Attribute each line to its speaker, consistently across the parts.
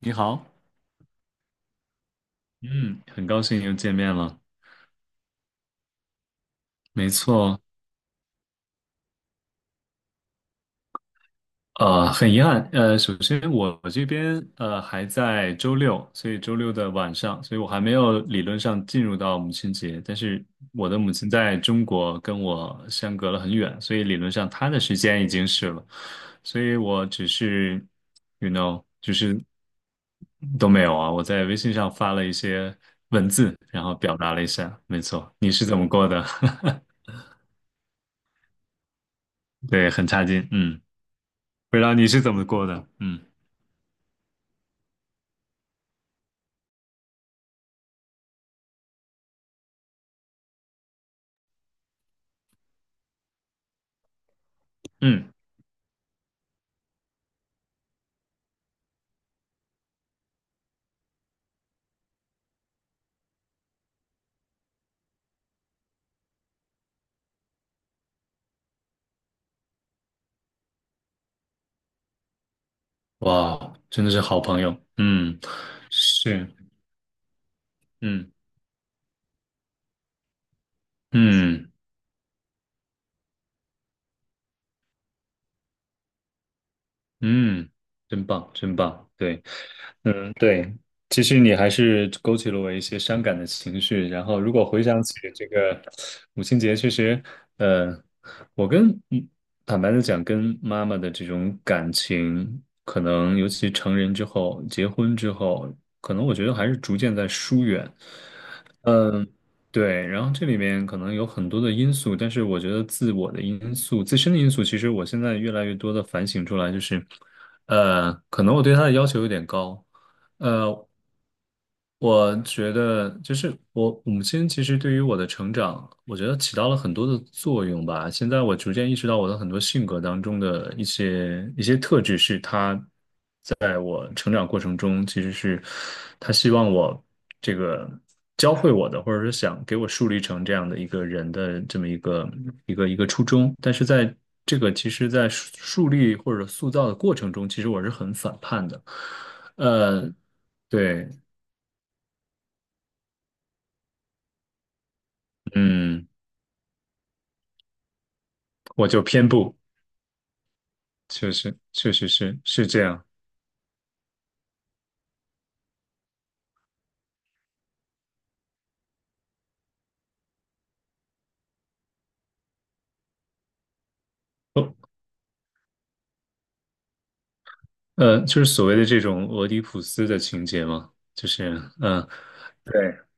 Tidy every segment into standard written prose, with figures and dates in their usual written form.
Speaker 1: 你好，嗯，很高兴又见面了。没错，很遗憾，首先我这边还在周六，所以周六的晚上，所以我还没有理论上进入到母亲节，但是我的母亲在中国跟我相隔了很远，所以理论上她的时间已经是了，所以我只是，就是都没有啊。我在微信上发了一些文字，然后表达了一下。没错，你是怎么过的？对，很差劲。嗯，不知道你是怎么过的？嗯嗯，哇，真的是好朋友。嗯，是，嗯嗯。嗯，真棒，真棒，对，嗯，对，其实你还是勾起了我一些伤感的情绪。然后，如果回想起这个母亲节，确实，呃，我跟坦白的讲，跟妈妈的这种感情，可能尤其成人之后，结婚之后，可能我觉得还是逐渐在疏远。嗯。对，然后这里面可能有很多的因素，但是我觉得自我的因素、自身的因素，其实我现在越来越多的反省出来，就是，可能我对他的要求有点高，呃，我觉得就是我母亲其实对于我的成长，我觉得起到了很多的作用吧。现在我逐渐意识到，我的很多性格当中的一些特质是他。成长过程中，其实是他希望我这个教会我的，或者是想给我树立成这样的一个人的这么一个初衷。但是在这个其实，在树立或者塑造的过程中，其实我是很反叛的。呃，对，嗯，我就偏不，确实是这样。哦，就是所谓的这种俄狄浦斯的情节嘛，就是嗯、呃对。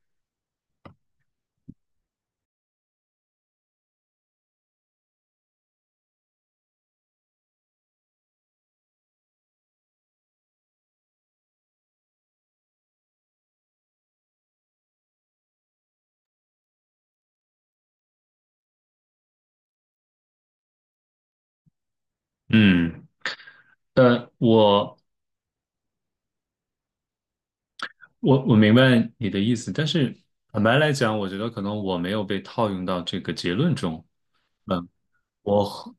Speaker 1: 嗯，呃，我我明白你的意思，但是坦白来讲，我觉得可能我没有被套用到这个结论中。嗯，我和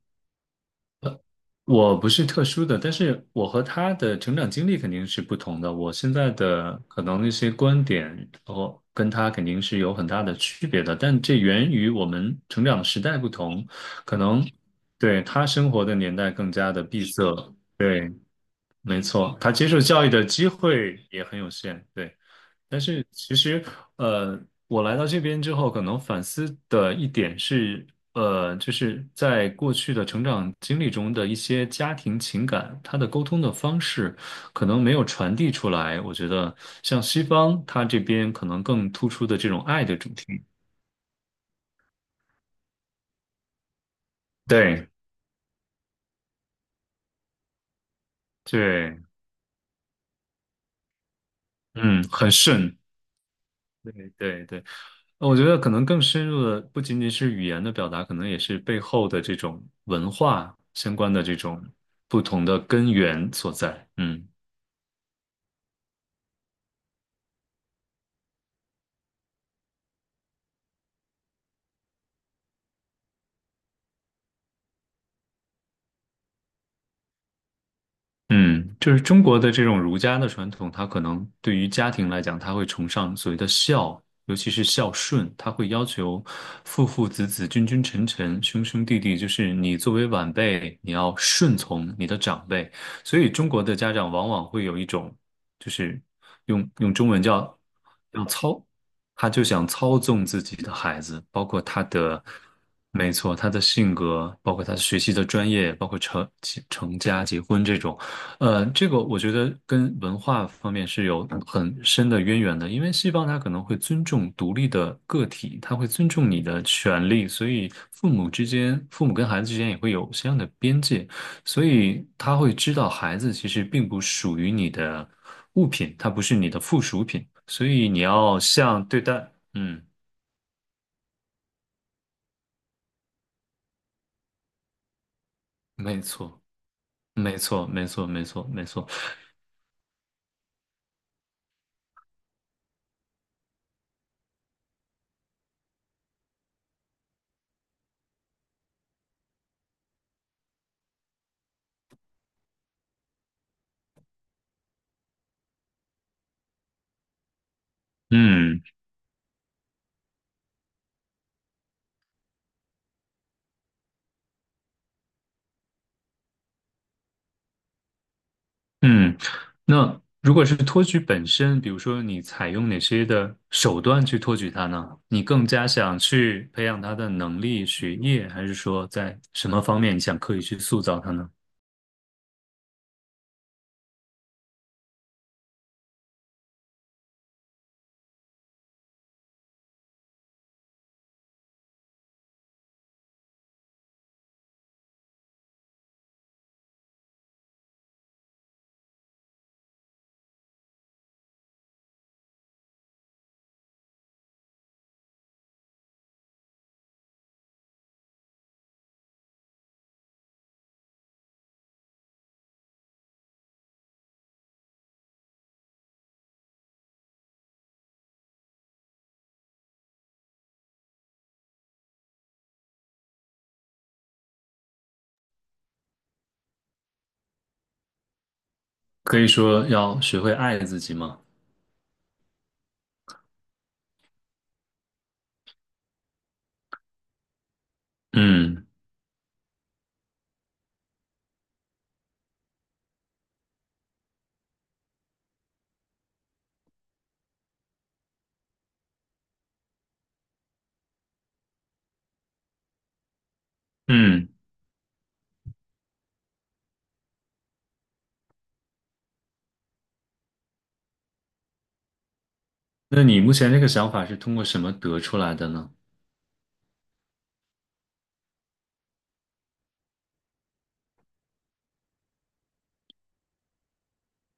Speaker 1: 我不是特殊的，但是我和他的成长经历肯定是不同的。我现在的可能那些观点，我跟他肯定是有很大的区别的，但这源于我们成长的时代不同，可能对他生活的年代更加的闭塞。对，没错，他接受教育的机会也很有限。对。但是其实，呃，我来到这边之后，可能反思的一点是，就是在过去的成长经历中的一些家庭情感，它的沟通的方式可能没有传递出来。我觉得像西方，它这边可能更突出的这种爱的主题。对对，嗯，很顺。对对对，我觉得可能更深入的不仅仅是语言的表达，可能也是背后的这种文化相关的这种不同的根源所在。嗯。嗯，就是中国的这种儒家的传统，它可能对于家庭来讲，它会崇尚所谓的孝，尤其是孝顺，它会要求父父子子、君君臣臣、兄兄弟弟，就是你作为晚辈，你要顺从你的长辈。所以中国的家长往往会有一种，就是用中文叫要操，他就想操纵自己的孩子，包括他的，没错，他的性格，包括他学习的专业，包括成家、结婚这种。这个我觉得跟文化方面是有很深的渊源的，因为西方它可能会尊重独立的个体，它会尊重你的权利，所以父母之间，父母跟孩子之间也会有相应的边界，所以他会知道孩子其实并不属于你的物品，它不是你的附属品，所以你要像对待，嗯，没错，没错，没错，没错，没错，嗯。嗯，那如果是托举本身，比如说你采用哪些的手段去托举他呢？你更加想去培养他的能力、学业，还是说在什么方面你想刻意去塑造他呢？可以说要学会爱自己吗？嗯嗯，那你目前这个想法是通过什么得出来的呢？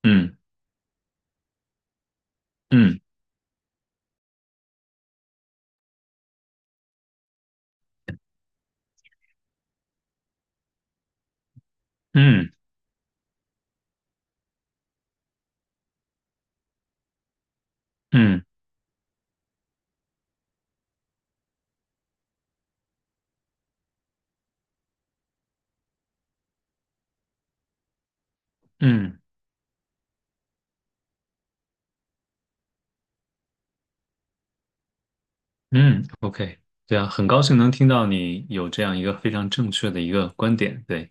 Speaker 1: 嗯嗯嗯嗯嗯嗯，OK,对啊，很高兴能听到你有这样一个非常正确的一个观点，对。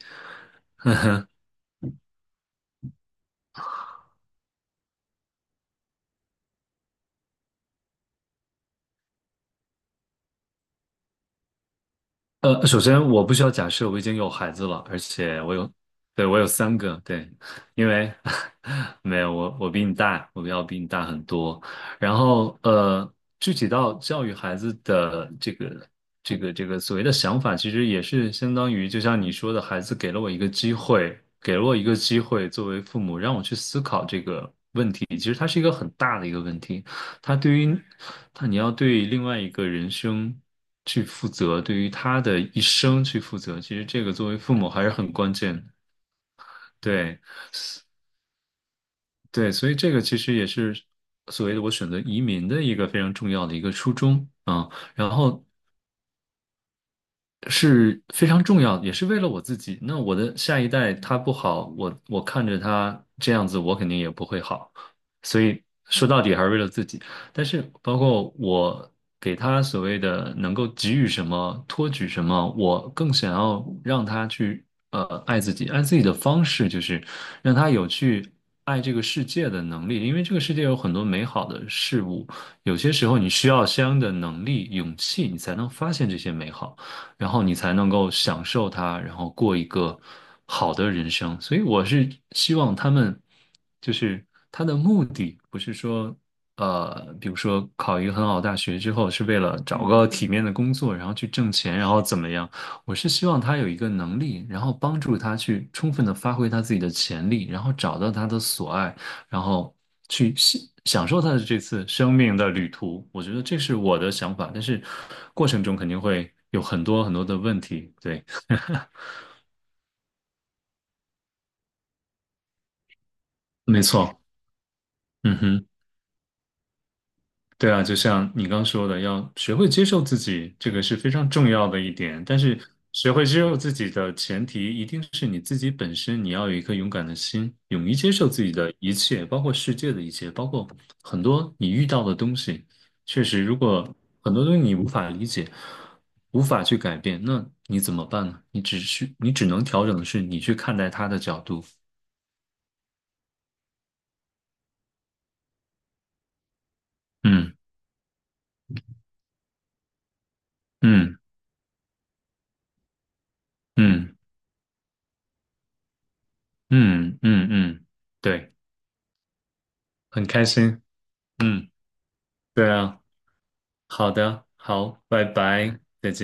Speaker 1: 首先我不需要假设我已经有孩子了，而且我有，对，我有三个，对，因为 没有我，我比你大，我要比你大很多。然后具体到教育孩子的这个所谓的想法，其实也是相当于就像你说的，孩子给了我一个机会，给了我一个机会，作为父母让我去思考这个问题，其实它是一个很大的一个问题。他对于他，你要对另外一个人生去负责，对于他的一生去负责，其实这个作为父母还是很关键的。对对，所以这个其实也是所谓的我选择移民的一个非常重要的一个初衷啊。然后是非常重要的，也是为了我自己。那我的下一代他不好，我看着他这样子，我肯定也不会好。所以说到底还是为了自己。但是包括我给他所谓的能够给予什么、托举什么，我更想要让他去爱自己。爱自己的方式就是让他有去爱这个世界的能力，因为这个世界有很多美好的事物，有些时候你需要相应的能力、勇气，你才能发现这些美好。然后你才能够享受它，然后过一个好的人生。所以我是希望他们，就是他的目的不是说，比如说考一个很好的大学之后是为了找个体面的工作，然后去挣钱，然后怎么样？我是希望他有一个能力，然后帮助他去充分的发挥他自己的潜力，然后找到他的所爱。然后去享受他的这次生命的旅途。我觉得这是我的想法，但是过程中肯定会有很多很多的问题。对，没错，嗯哼。对啊，就像你刚说的，要学会接受自己，这个是非常重要的一点。但是，学会接受自己的前提，一定是你自己本身，你要有一颗勇敢的心，勇于接受自己的一切，包括世界的一切，包括很多你遇到的东西。确实，如果很多东西你无法理解，无法去改变，那你怎么办呢？你只是，你只能调整的是你去看待他的角度。嗯嗯嗯嗯嗯嗯嗯，对，很开心。嗯。对啊，好的，好，拜拜。